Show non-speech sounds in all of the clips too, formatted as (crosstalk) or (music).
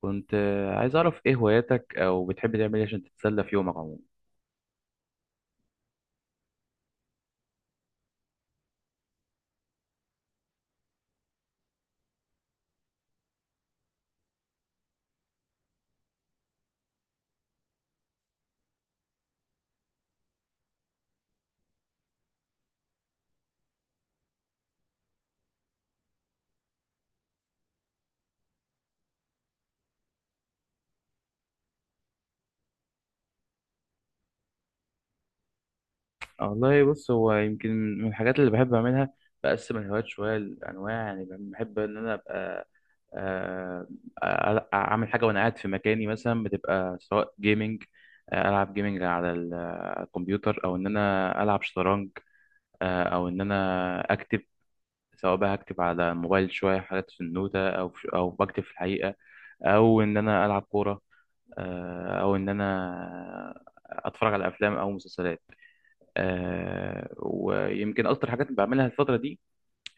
كنت عايز أعرف إيه هواياتك أو بتحب تعمل إيه عشان تتسلى في يومك عموما. والله بص، هو يمكن من الحاجات اللي بحب أعملها بقسم الهوايات شوية لأنواع، يعني بحب إن أنا أبقى آه، أعمل حاجة وأنا قاعد في مكاني مثلا، بتبقى سواء جيمنج ألعب جيمنج على الكمبيوتر، أو إن أنا ألعب شطرنج، أو إن أنا أكتب، سواء بقى هكتب على الموبايل شوية حاجات في النوتة أو بكتب في الحقيقة، أو إن أنا ألعب كورة، او ان انا اتفرج على افلام او مسلسلات. ويمكن اكتر حاجات بعملها الفتره دي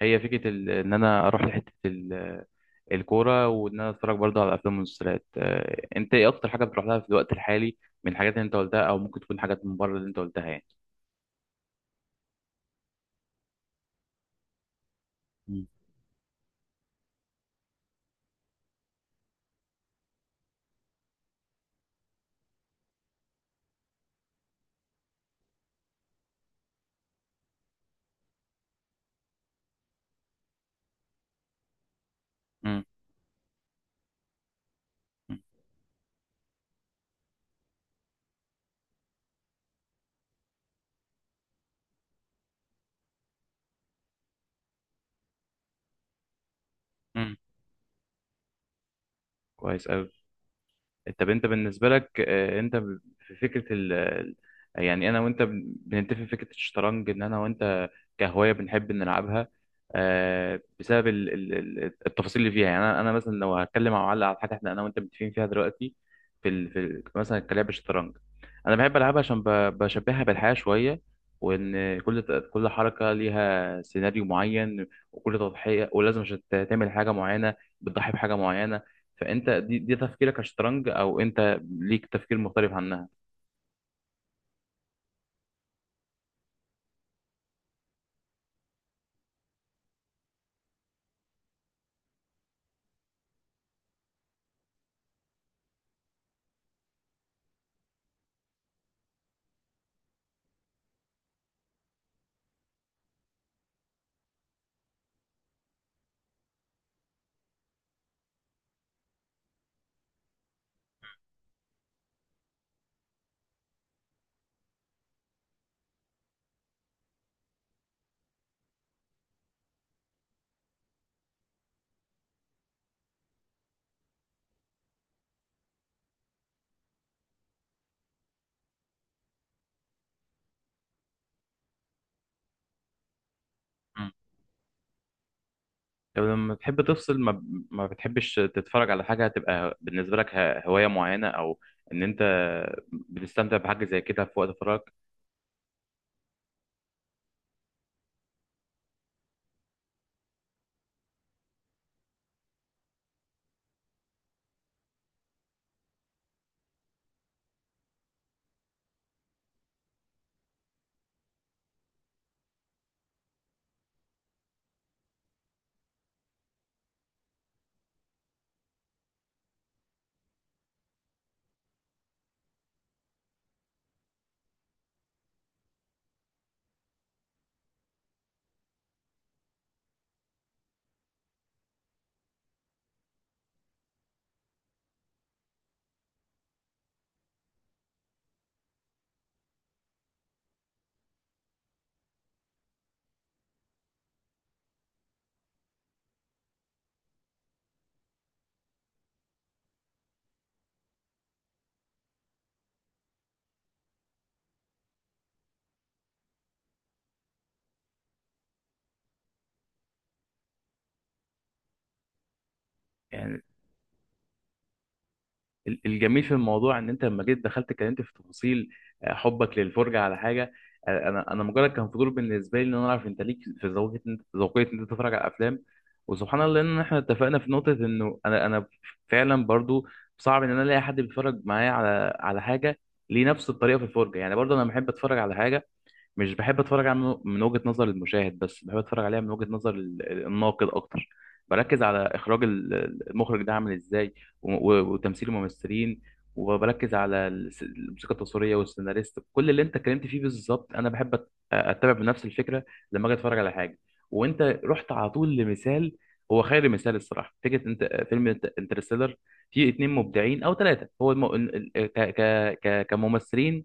هي فكره ان انا اروح لحته الكوره، وان انا اتفرج برضه على افلام ومسلسلات. انت ايه اكتر حاجه بتروح لها في الوقت الحالي من الحاجات اللي انت قلتها، او ممكن تكون حاجات من بره اللي انت قلتها يعني؟ مم. مم. مم. كويس أوي. طب انت بالنسبه لك، انت في فكره يعني انا وانت بنتفق في فكره الشطرنج، ان انا وانت كهوايه بنحب نلعبها بسبب التفاصيل اللي فيها. يعني انا مثلا لو هتكلم مع معلق على حاجه احنا انا وانت متفقين فيها دلوقتي في ال مثلا كلعب الشطرنج، انا بحب العبها عشان بشبهها بالحياه شويه، وان كل حركه ليها سيناريو معين، وكل تضحيه، ولازم عشان تعمل حاجه معينه بتضحي بحاجه معينه. فانت دي تفكيرك كشطرنج، او انت ليك تفكير مختلف عنها؟ مم. طب لما بتحب تفصل ما بتحبش تتفرج على حاجة، هتبقى بالنسبة لك هواية معينة، او ان انت بتستمتع بحاجة زي كده في وقت فراغك؟ يعني الجميل في الموضوع ان انت لما جيت دخلت اتكلمت في تفاصيل حبك للفرجه على حاجه. انا مجرد كان فضول بالنسبه لي ان انا اعرف انت ليك في ذوقيه ذوقيه ان انت تتفرج على افلام. وسبحان الله ان احنا اتفقنا في نقطه، انه انا فعلا برضو صعب ان انا الاقي حد بيتفرج معايا على على حاجه ليه نفس الطريقه في الفرجه. يعني برضو انا بحب اتفرج على حاجه، مش بحب اتفرج عليها من من وجهة نظر المشاهد بس، بحب اتفرج عليها من وجهة نظر الناقد اكتر. بركز على اخراج المخرج ده عامل ازاي، وتمثيل الممثلين، وبركز على الموسيقى التصويريه والسيناريست. كل اللي انت اتكلمت فيه بالظبط انا بحب اتبع بنفس الفكره لما اجي اتفرج على حاجه. وانت رحت على طول لمثال هو خير مثال الصراحه، فكره انت فيلم انترستيلر فيه اتنين مبدعين او ثلاثه هو الم... ال- ال- ك... ك... ك... كممثلين،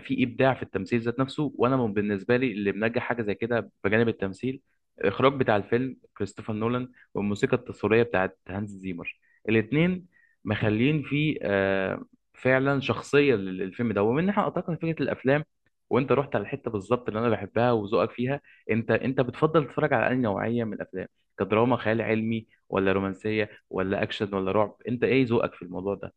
في ابداع في التمثيل ذات نفسه. وانا بالنسبه لي اللي منجح حاجه زي كده بجانب التمثيل، الاخراج بتاع الفيلم كريستوفر نولان، والموسيقى التصويريه بتاعت هانز زيمر. الاثنين مخلين فيه فعلا شخصيه للفيلم ده. ومن ناحيه اعتقد فكره الافلام، وانت رحت على الحته بالظبط اللي انا بحبها وذوقك فيها، انت بتفضل تتفرج على انهي نوعيه من الافلام؟ كدراما خيال علمي، ولا رومانسيه، ولا اكشن، ولا رعب؟ انت ايه ذوقك في الموضوع ده؟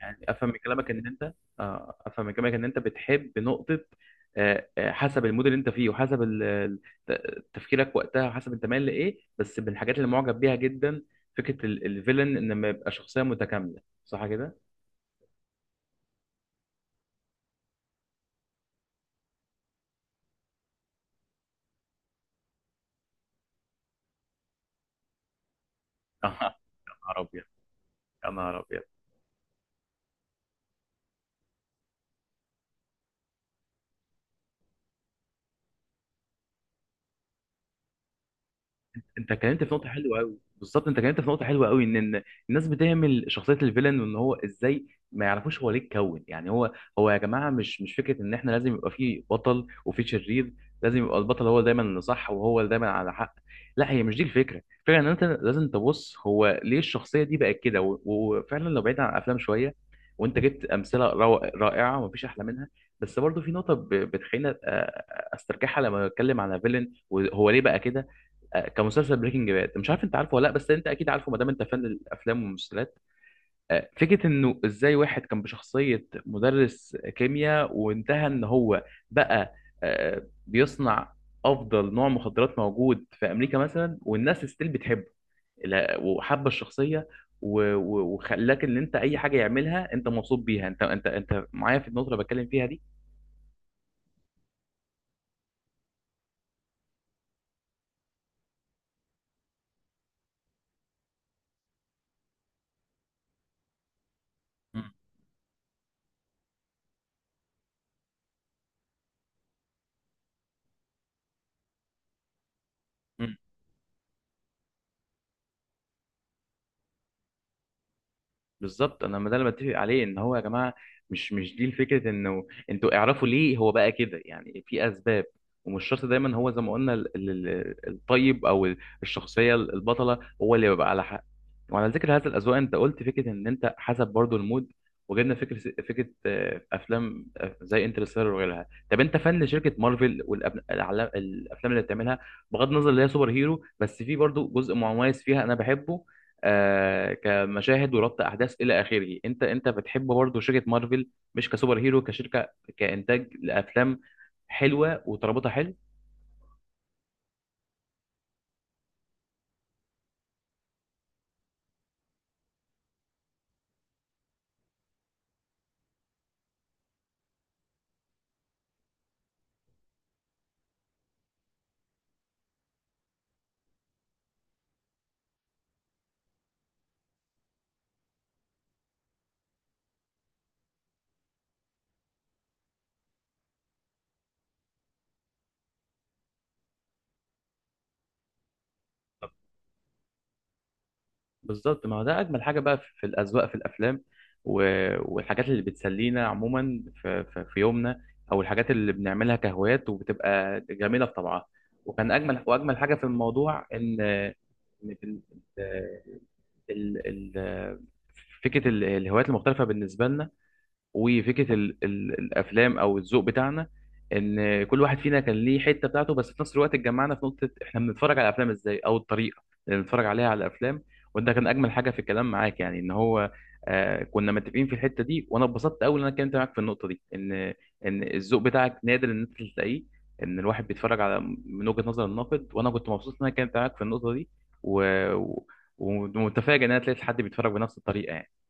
يعني افهم من كلامك ان انت افهم من كلامك ان انت بتحب نقطه حسب المود اللي انت فيه، وحسب تفكيرك وقتها، وحسب انت مايل لايه. بس من الحاجات اللي معجب بيها جدا فكره الفيلن ان ما يبقى شخصيه متكامله، صح كده؟ (laughs) يا نهار ابيض، يا نهار ابيض. انت اتكلمت في نقطه حلوه قوي، بالظبط انت اتكلمت في نقطه حلوه قوي، ان الناس بتهمل شخصيه الفيلن، وان هو ازاي ما يعرفوش هو ليه اتكون. يعني هو، هو يا جماعه، مش فكره ان احنا لازم يبقى فيه بطل وفيه شرير، لازم يبقى البطل هو دايما اللي صح وهو اللي دايما على حق. لا، هي مش دي الفكره. الفكره ان انت لازم تبص هو ليه الشخصيه دي بقت كده. وفعلا لو بعيد عن الافلام شويه، وانت جبت امثله رائعه ومفيش احلى منها، بس برضو في نقطه بتخليني استرجعها لما اتكلم على فيلن وهو ليه بقى كده. كمسلسل بريكنج باد، مش عارف انت عارفه ولا لا، بس انت اكيد عارفه ما دام انت فان الافلام والمسلسلات. فكره انه ازاي واحد كان بشخصيه مدرس كيمياء، وانتهى ان هو بقى بيصنع افضل نوع مخدرات موجود في امريكا مثلا، والناس ستيل بتحبه وحابه الشخصيه، وخلاك ان انت اي حاجه يعملها انت مبسوط بيها. انت انت معايا في النقطه اللي بتكلم فيها دي؟ مم. بالظبط، انا ما ده اللي بتفق عليه، ان هو يا جماعه، مش دي الفكره. انه انتوا اعرفوا ليه هو بقى كده، يعني في اسباب، ومش شرط دايما هو زي ما قلنا الطيب او الشخصيه البطله هو اللي بيبقى على حق. وعلى ذكر هذا الاذواق، انت قلت فكره ان انت حسب برضو المود، وجدنا فكره افلام زي انترستيلر وغيرها. طب انت فن شركه مارفل والافلام اللي بتعملها، بغض النظر اللي هي سوبر هيرو، بس في برضو جزء مميز فيها انا بحبه، آه كمشاهد وربط احداث الى اخره. انت بتحب برضه شركه مارفل، مش كسوبر هيرو، كشركه، كانتاج لافلام حلوه وترابطها حلو؟ بالظبط، ما هو ده اجمل حاجه بقى في الاذواق في الافلام، و... والحاجات اللي بتسلينا عموما في يومنا، او الحاجات اللي بنعملها كهوايات وبتبقى جميله في طبعها. وكان اجمل واجمل حاجه في الموضوع ان، إن في ال... ال... فكره الهوايات المختلفه بالنسبه لنا، وفكره ال الافلام او الذوق بتاعنا، ان كل واحد فينا كان ليه حته بتاعته، بس في نفس الوقت اتجمعنا في نقطه احنا بنتفرج على الافلام ازاي او الطريقه اللي بنتفرج عليها على الافلام. وده كان اجمل حاجه في الكلام معاك، يعني ان هو آه كنا متفقين في الحته دي. وانا اتبسطت قوي ان انا اتكلمت معاك في النقطه دي، ان ان الذوق بتاعك نادر ان انت تلاقيه، ان الواحد بيتفرج على من وجهه نظر الناقد. وانا كنت مبسوط ان انا اتكلمت معاك في النقطه دي، و... و- ومتفاجئ ان انا لقيت حد بيتفرج بنفس الطريقه يعني.